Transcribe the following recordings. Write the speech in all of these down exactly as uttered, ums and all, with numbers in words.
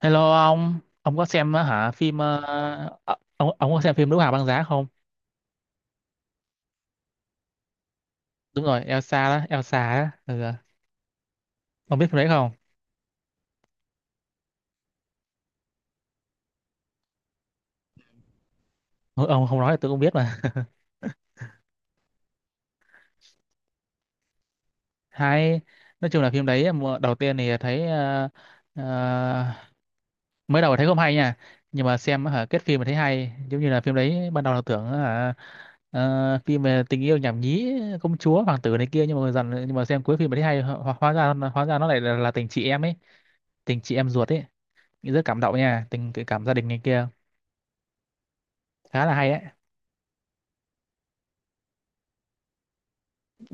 Hello ông, ông có xem á hả phim ờ, ờ, ông ông có xem phim Nữ Hoàng Băng Giá không? Đúng rồi, Elsa đó, Elsa á, ừ, ông biết phim đấy không? Ông, ông không nói thì tôi cũng biết mà. Hay, nói chung là phim đấy mùa đầu tiên thì thấy ờ, ờ, mới đầu thấy không hay nha, nhưng mà xem á hả kết phim mà thấy hay, giống như là phim đấy ban đầu là tưởng á hả ờ, phim về tình yêu nhảm nhí công chúa hoàng tử này kia nhưng mà dần nhưng mà xem cuối phim mà thấy hay ho, hóa ra hóa ra nó lại là, là tình chị em ấy, tình chị em ruột ấy. Rất cảm động nha, tình cái cảm gia đình này kia khá là hay ấy.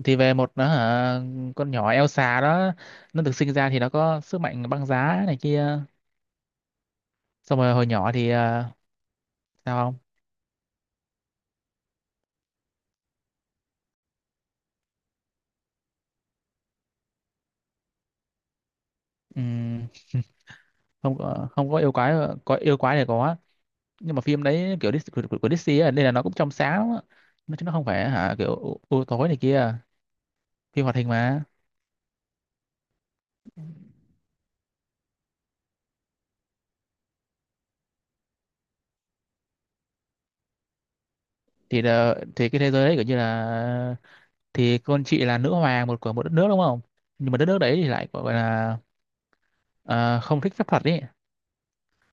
Thì về một nó hả, con nhỏ Elsa đó, nó được sinh ra thì nó có sức mạnh băng giá này kia. Xong rồi hồi nhỏ thì ờ, sao không. Ừm, không có- không có yêu quái, có yêu quái thì có, nhưng mà phim đấy kiểu Dis- của, của, của Disney ấy, nên là nó cũng trong sáng lắm á. Nó chứ nó không phải hả kiểu u, u tối này kia, phim hoạt hình mà. Thì là, thì cái thế giới đấy kiểu như là, thì con chị là nữ hoàng một của một đất nước đúng không, nhưng mà đất nước đấy thì lại gọi là ờ, không thích phép thuật ý.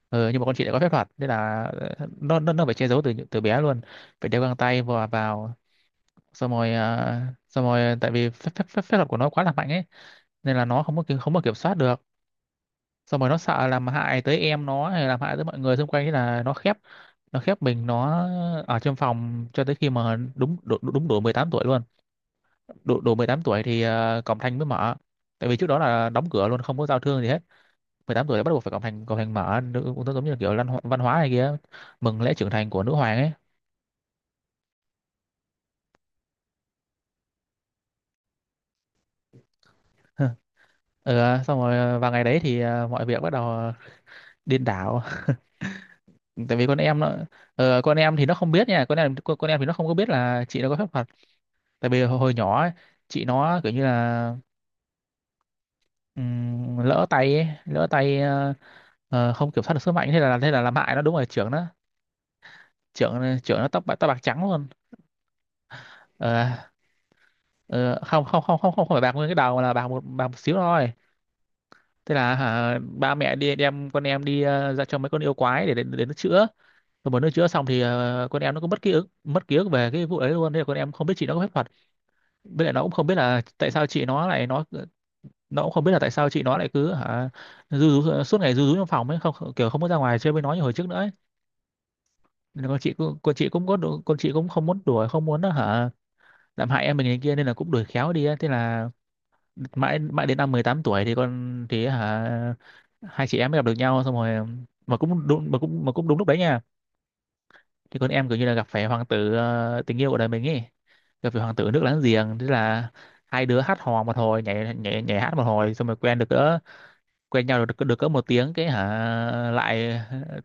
Ừ, nhưng mà con chị lại có phép thuật nên là ờ, nó nó nó phải che giấu từ từ bé luôn, phải đeo găng tay vào vào. Xong rồi ờ, xong rồi tại vì phép phép phép phép thuật của nó quá là mạnh ấy, nên là nó không có ki- không có kiểm soát được. Xong rồi nó sợ làm hại tới em nó hay làm hại tới mọi người xung quanh, thế là nó khép, nó khép mình nó ở trong phòng cho tới khi mà đúng đủ, đủ- đúng đủ mười tám tuổi luôn. Đủ đủ mười tám tuổi thì ờ, cổng thành mới mở, tại vì trước đó là đóng cửa luôn không có giao thương gì hết. Mười tám tuổi đã bắt buộc phải cổng thành cổng thành mở nữ, cũng giống như là kiểu lan, ho- văn hóa này kia, mừng lễ trưởng thành của nữ hoàng ấy. Ừ, xong rồi ờ, vào ngày đấy thì ờ, mọi việc bắt đầu điên đảo. Tại vì con em nó ờ, con em thì nó không biết nha, con em con, con em thì nó không có biết là chị nó có phép thuật. Tại vì hồi, hồi nhỏ ấy, chị nó kiểu như là ừm, lỡ tay ấy, lỡ tay ờ, ờ, không kiểm soát được sức mạnh, thế là thế là làm hại nó đúng rồi, trưởng nó. Trưởng trưởng nó tóc bạc, tóc bạc trắng luôn. Ờ, ờ, không không không không không phải bạc nguyên cái đầu mà là bạc một, bạc một xíu thôi. Thế là hả, ba mẹ đi đem con em đi ờ, ra cho mấy con yêu quái để đến, đến nó chữa, rồi mà nó chữa xong thì ờ, con em nó cũng mất ký ức, mất ký ức về cái vụ ấy luôn. Thế là con em không biết chị nó có phép thuật, với lại nó cũng không biết là tại sao chị nó lại nó nó cũng không biết là tại sao chị nó lại cứ hả ru rú, ờ, suốt ngày ru rú trong phòng ấy, không không- kiểu không muốn ra ngoài chơi với nó như hồi trước nữa ấy. Nên con chị cũng- con chị cũng có đu- con chị cũng không muốn đuổi, không muốn hả làm hại em mình này kia, nên là cũng đuổi khéo đi ấy. Thế là mãi mãi đến năm mười tám tuổi thì con thì hả hai chị em mới gặp được nhau. Xong rồi mà cũng đúng mà cũng mà cũng đúng lúc đấy nha, thì con em kiểu như là gặp phải hoàng tử ờ, tình yêu của đời mình ấy, gặp phải hoàng tử nước láng giềng. Thế là hai đứa hát hò một hồi, nhảy nhảy nhảy hát một hồi, xong rồi quen được cỡ, quen nhau được được cỡ một tiếng cái hả, lại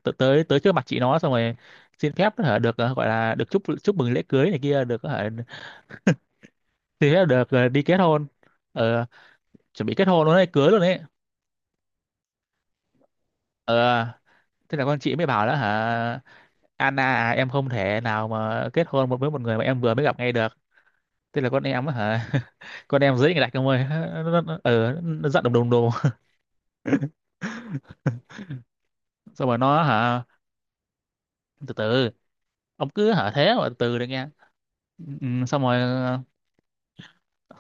t- tới, tới trước mặt chị nó, xong rồi xin phép hả được ờ, gọi là được chúc, chúc mừng lễ cưới này kia, được hả, thì được ờ, đi kết hôn, ờ, chuẩn bị kết hôn luôn đấy, cưới luôn đấy. Ờ, thế là con chị mới bảo đó hả, Anna à, em không thể nào mà kết hôn một với một người mà em vừa mới gặp ngay được. Thế là con em á hả con em dễ ngạch ông ơi, nó, nó, nó, ừ, nó giận đùng đùng đùng. Xong rồi nó hả từ từ, ông cứ hả thế mà từ từ được nghe. Ừ, xong rồi ờ,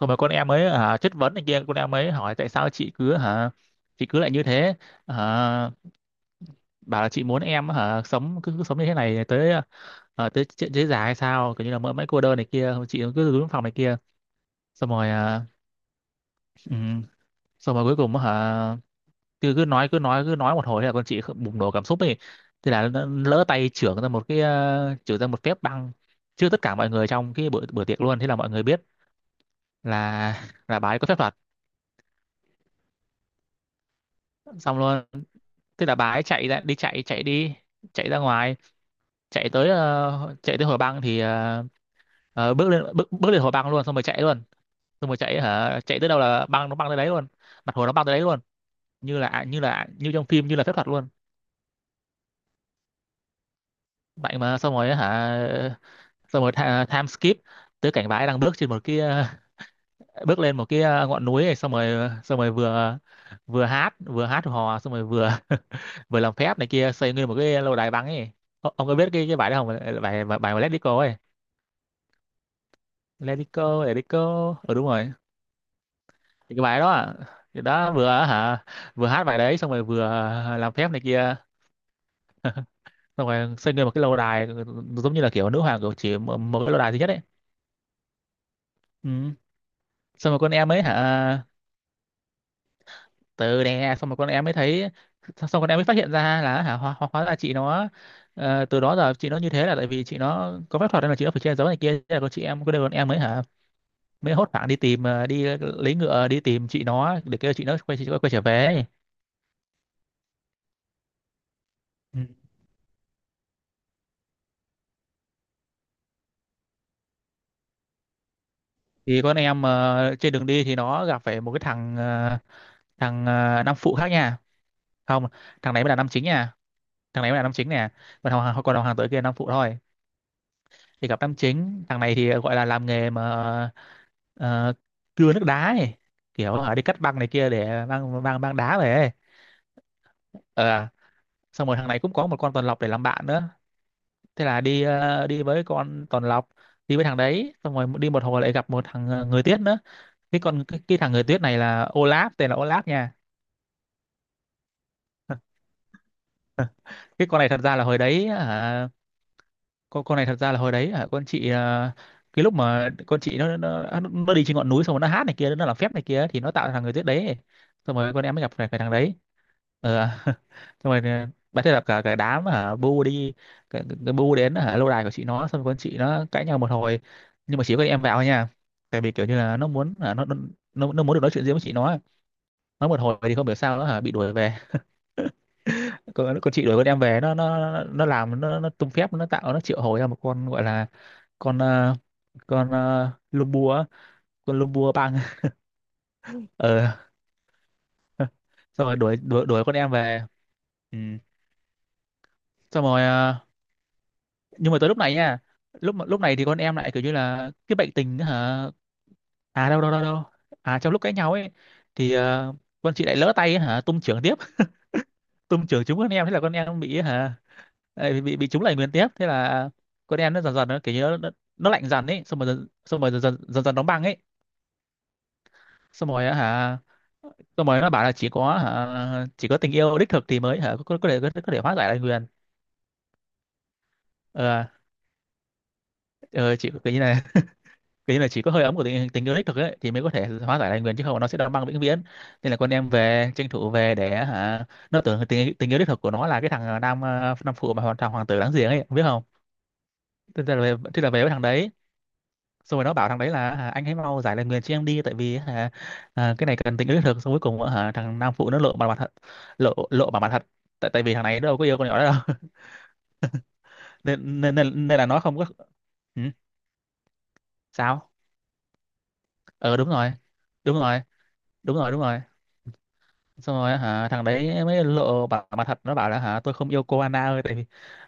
xong rồi con em mới hả chất vấn này kia, con em mới hỏi tại sao chị cứ hả, chị cứ lại như thế hả, bảo là chị muốn em hả sống cứ, cứ sống như thế này tới ờ, tới chết- tới già hay sao, kiểu như là mãi mãi cô đơn này kia, chị cứ đứng phòng này kia. Xong rồi ờ, ừ. Xong rồi cuối cùng á hả cứ cứ nói cứ nói cứ nói một hồi, thế là con chị bùng nổ cảm xúc ấy. Thế là nó lỡ tay chưởng ra một cái ờ, chưởng ra một phép băng trước tất cả mọi người trong cái bữa bữa tiệc luôn. Thế là mọi người biết là là bà ấy có phép thuật, xong luôn. Thế là bà ấy chạy ra đi, chạy chạy đi, chạy ra ngoài, chạy tới ờ, chạy tới hồ băng thì ờ, ờ, bước lên bước, bước lên hồ băng luôn, xong rồi chạy luôn. Xong rồi chạy hả, chạy tới đâu là băng nó băng tới đấy luôn, mặt hồ nó băng tới đấy luôn, như là như là như trong phim, như là phép thuật luôn. Mạnh mà, xong rồi á hả xong rồi tha, time skip tới cảnh bà ấy đang bước trên một cái ờ, bước lên một cái ờ, ngọn núi này, xong rồi ờ, xong rồi vừa vừa hát, vừa hát hò xong rồi vừa vừa làm phép này kia, xây nguyên một cái lâu đài băng ấy. Ô- ông có biết cái cái bài đó không? Ờ, bài bài, bài mà Let It Go ấy, Let It Go, Let It Go. Ừ đúng rồi, thì cái bài đó ạ, thì đó vừa á hả vừa hát bài đấy, xong rồi vừa làm phép này kia, xong rồi xây nguyên một cái lâu đài, ừ, giống như là kiểu nữ hoàng, kiểu chỉ một, một cái lâu đài duy nhất ấy. Ừ. Xong rồi con em ấy hả từ đè xong rồi con em mới thấy, xong rồi con em mới phát hiện ra là hả hóa, hóa, hóa ra chị nó ờ, từ đó giờ chị nó như thế là tại vì chị nó có phép thuật nên là chị nó phải che giấu này kia. Thế là con chị em có đứa con em mới hả, mới hốt hoảng đi tìm, ờ, đi lấy ngựa đi tìm chị nó để kêu chị nó quay, chị quay trở về ấy. Ừ. Thì con em ờ, trên đường đi thì nó gặp phải một cái thằng ờ, thằng ờ, nam phụ khác nha. Không, thằng này mới là nam chính nha, thằng này mới là nam chính nè, còn thằng còn thằng tử kia là nam phụ thôi. Thì gặp nam chính, thằng này thì ờ, gọi là làm nghề mà ờ, ờ, cưa nước đá ấy, kiểu ở đi cắt băng này kia để mang mang mang đá về ấy. Ờ, Xong rồi thằng này cũng có một con tuần lộc để làm bạn nữa. Thế là đi ờ, đi với con tuần lộc, đi với thằng đấy, xong rồi đi một hồi lại gặp một thằng ờ, người tuyết nữa. Cái con cái, cái thằng người tuyết này là Olaf, tên là Olaf nha. Ờ, cái con này thật ra là hồi đấy hả, con con này thật ra là hồi đấy hả, con chị à, cái lúc mà con chị nó nó nó đi trên ngọn núi, xong rồi nó hát này kia, nó làm phép này kia, thì nó tạo ra thằng người tuyết đấy. Xong rồi con em mới gặp phải cái thằng đấy. Ờ xong rồi à, bà, thế là cả cả đám hả bu đi. Cái, cái bu đến hả lâu đài của chị nó, xong rồi con chị nó cãi nhau một hồi. Nhưng mà chỉ có em vào thôi nha, tại vì kiểu như là nó muốn hả, nó nó nó muốn được nói chuyện riêng với chị nó ấy. Nói một hồi thì không hiểu sao nó hả bị đuổi về. Con, con chị đuổi con em về. Nó nó nó làm, nó nó tung phép, nó tạo, nó triệu hồi ra một con gọi là con ờ, con ờ, lùm bùa á, con lùm bùa băng. ờ Xong rồi đuổi đuổi đuổi con em về. Ừ. Xong rồi ờ, nhưng mà tới lúc này nha, lúc mà- lúc này thì con em lại kiểu như là cái bệnh tình á hả. À, đâu đâu đâu đâu, à, trong lúc cãi nhau ấy thì ờ, con chị lại lỡ tay á hả tung chưởng tiếp, tôm trưởng trúng con em, thế là con em bị hả. Ấy, bị bị trúng lại nguyên tiếp, thế là con em nó dần dần, nó kiểu như nó, nó, nó lạnh dần ấy, xong rồi dần, xong rồi dần dần dần dần đóng băng ấy. xong rồi á hả Xong rồi nó bảo là chỉ có hả chỉ có tình yêu đích thực thì mới hả có, có thể có, có thể hóa giải lại nguyền. ờ ờ, chỉ cái như này, cái như là chỉ có hơi ấm của tình, tình yêu đích thực ấy thì mới có thể hóa giải lại nguyền, chứ không nó sẽ đóng băng vĩnh viễn. Nên là con em về, tranh thủ về để hả, nó tưởng tình, tình yêu đích thực của nó là cái thằng ờ, nam ờ, nam phụ, mà hoàn thằng hoàng tử láng giềng ấy, biết không. Thế là về thế là về với thằng đấy. Xong rồi nó bảo thằng đấy là, à, anh hãy mau giải lời nguyền cho em đi, tại vì hả, à, cái này cần tính đến thực. Xong cuối cùng hả, thằng nam phụ nó lộ mặt mặt thật, lộ lộ mặt mặt thật. Tại tại vì thằng này nó đâu có yêu con nhỏ đó đâu. nên nên nên, nên là nó không có. Ừ, sao. ờ Đúng rồi, đúng rồi, đúng rồi, đúng rồi. Xong rồi hả thằng đấy mới lộ bảo mặt thật, nó bảo là hả, tôi không yêu cô, Anna ơi, tại vì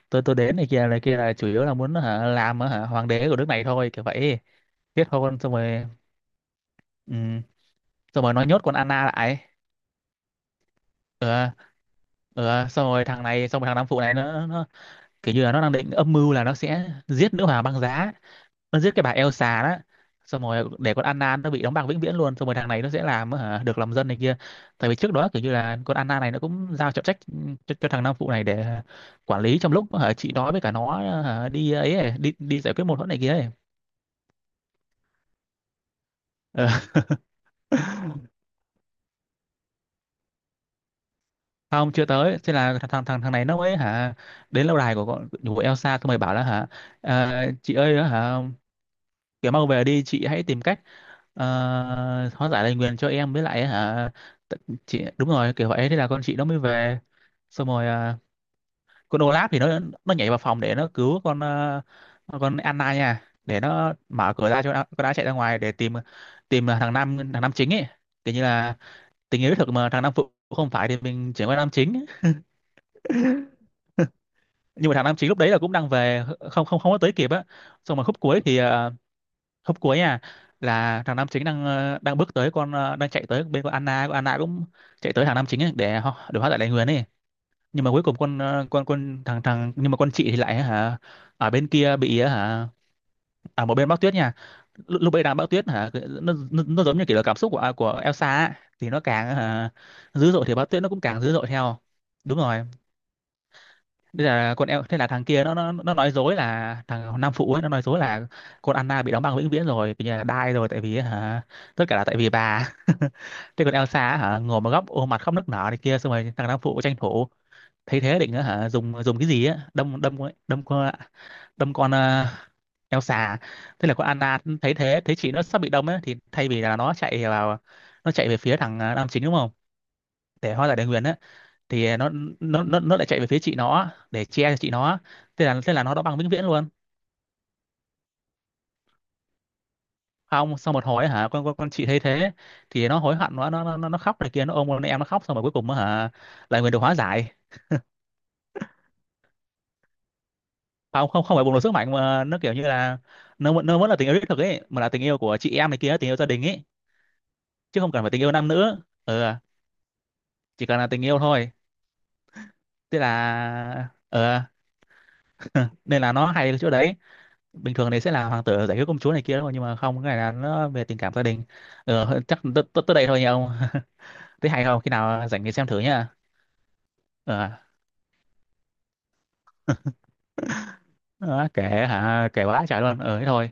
tôi tôi đến này kia này kia là chủ yếu là muốn hả, làm hả, hoàng đế của nước này thôi, kiểu vậy. Kết hôn xong rồi. Ừ, xong rồi nó nhốt con Anna lại. ờ ờ xong rồi thằng này Xong rồi thằng Nam Phụ này nó nó kiểu như là nó đang định âm mưu là nó sẽ giết nữ hoàng băng giá. Nó giết cái bà Elsa đó, xong rồi để con Anna nó bị đóng băng vĩnh viễn luôn, xong rồi thằng này nó sẽ làm hả, được lòng dân này kia. Tại vì trước đó kiểu như là con Anna này nó cũng giao trọng trách cho, cho thằng Nam Phụ này để quản lý, trong lúc hả, chị nói với cả nó hả, đi ấy, ấy đi đi giải quyết mâu thuẫn này kia ấy. Ờ, Không, chưa tới, thế là thằng thằng thằng này nó mới hả đến lâu đài của con của Elsa, xong rồi bảo là hả, "Ờ, chị ơi hả, kiểu mang về đi, chị hãy tìm cách ờ, hóa giải lời nguyền cho em với lại hả, t- chị, đúng rồi kiểu vậy. Thế là con chị nó mới về. Xong rồi ờ, con Olaf thì nó nó nhảy vào phòng để nó cứu con ờ, con Anna nha, để nó mở cửa ra cho nó- con đã chạy ra ngoài để tìm tìm thằng nam thằng nam chính ấy. Kiểu như là tình yêu đích thực mà thằng nam phụ không phải thì mình chuyển qua nam chính. Nhưng mà thằng nam chính lúc đấy là cũng đang về, không không, không có tới kịp á. Xong mà khúc cuối thì ờ, hôm cuối nha, là thằng nam chính đang ờ, đang bước tới con ờ, đang chạy tới bên con Anna, con Anna cũng chạy tới thằng nam chính ấy, để họ để hóa giải đại nguyền ấy. Nhưng mà cuối cùng con ờ, con con thằng thằng nhưng mà con chị thì lại hả ở bên kia bị hả, ở một bên bão tuyết nha. Lúc, lúc ấy đang bão tuyết hả, cái- nó, nó, nó giống như kiểu là cảm xúc của à, của Elsa ấy. Thì nó càng hả dữ dội thì bão tuyết nó cũng càng dữ dội theo. Đúng rồi. Bây là con em, thế là thằng kia nó nó nó nói dối, là thằng Nam Phụ ấy nó nói dối là con Anna bị đóng băng vĩnh viễn rồi, kiểu như là die rồi, tại vì hả tất cả là tại vì bà. Thế còn Elsa á hả ngồi một góc ôm mặt khóc nức nở này kia, xong rồi thằng Nam Phụ tranh thủ thấy thế, định á hả dùng dùng cái gì á, đâm đâm con- ấy- đâm con đâm con ờ, Elsa. Thế là con Anna thấy thế, thấy chị nó sắp bị đâm ấy, thì thay vì là nó chạy vào, nó chạy về phía thằng ờ, nam chính đúng không, để hóa giải đề nguyền á, thì à, nó nó nó nó lại chạy về phía chị nó á, để che cho chị nó á. Thế là thế là nó đã băng vĩnh viễn luôn. Không, sau một hồi á hả, con con, con chị thấy thế, thì nó hối hận, nó nó nó, nó nó khóc này kia, nó ôm con em nó khóc, xong rồi cuối cùng á hả là người được hóa giải. Không không, không phải bùng nổ sức mạnh, mà nó kiểu như là nó vẫn- nó vẫn là tình yêu đích thực ấy, mà là tình yêu của chị em này kia, tình yêu gia đình ấy. Chứ không cần phải tình yêu nam nữ. Ừ, chỉ cần là tình yêu thôi. Thế là ờ nên là nó hay ở chỗ đấy. Bình thường thì sẽ là hoàng tử giải cứu công chúa này kia đúng, nhưng mà không, cái này là nó về tình cảm gia đình. Ờ, chắc tới tới tới đây thôi nha ông. Thấy hay không, khi nào rảnh thì xem thử nha. ờ, Đó, kể hả kể quá trời luôn, ờ thế thôi.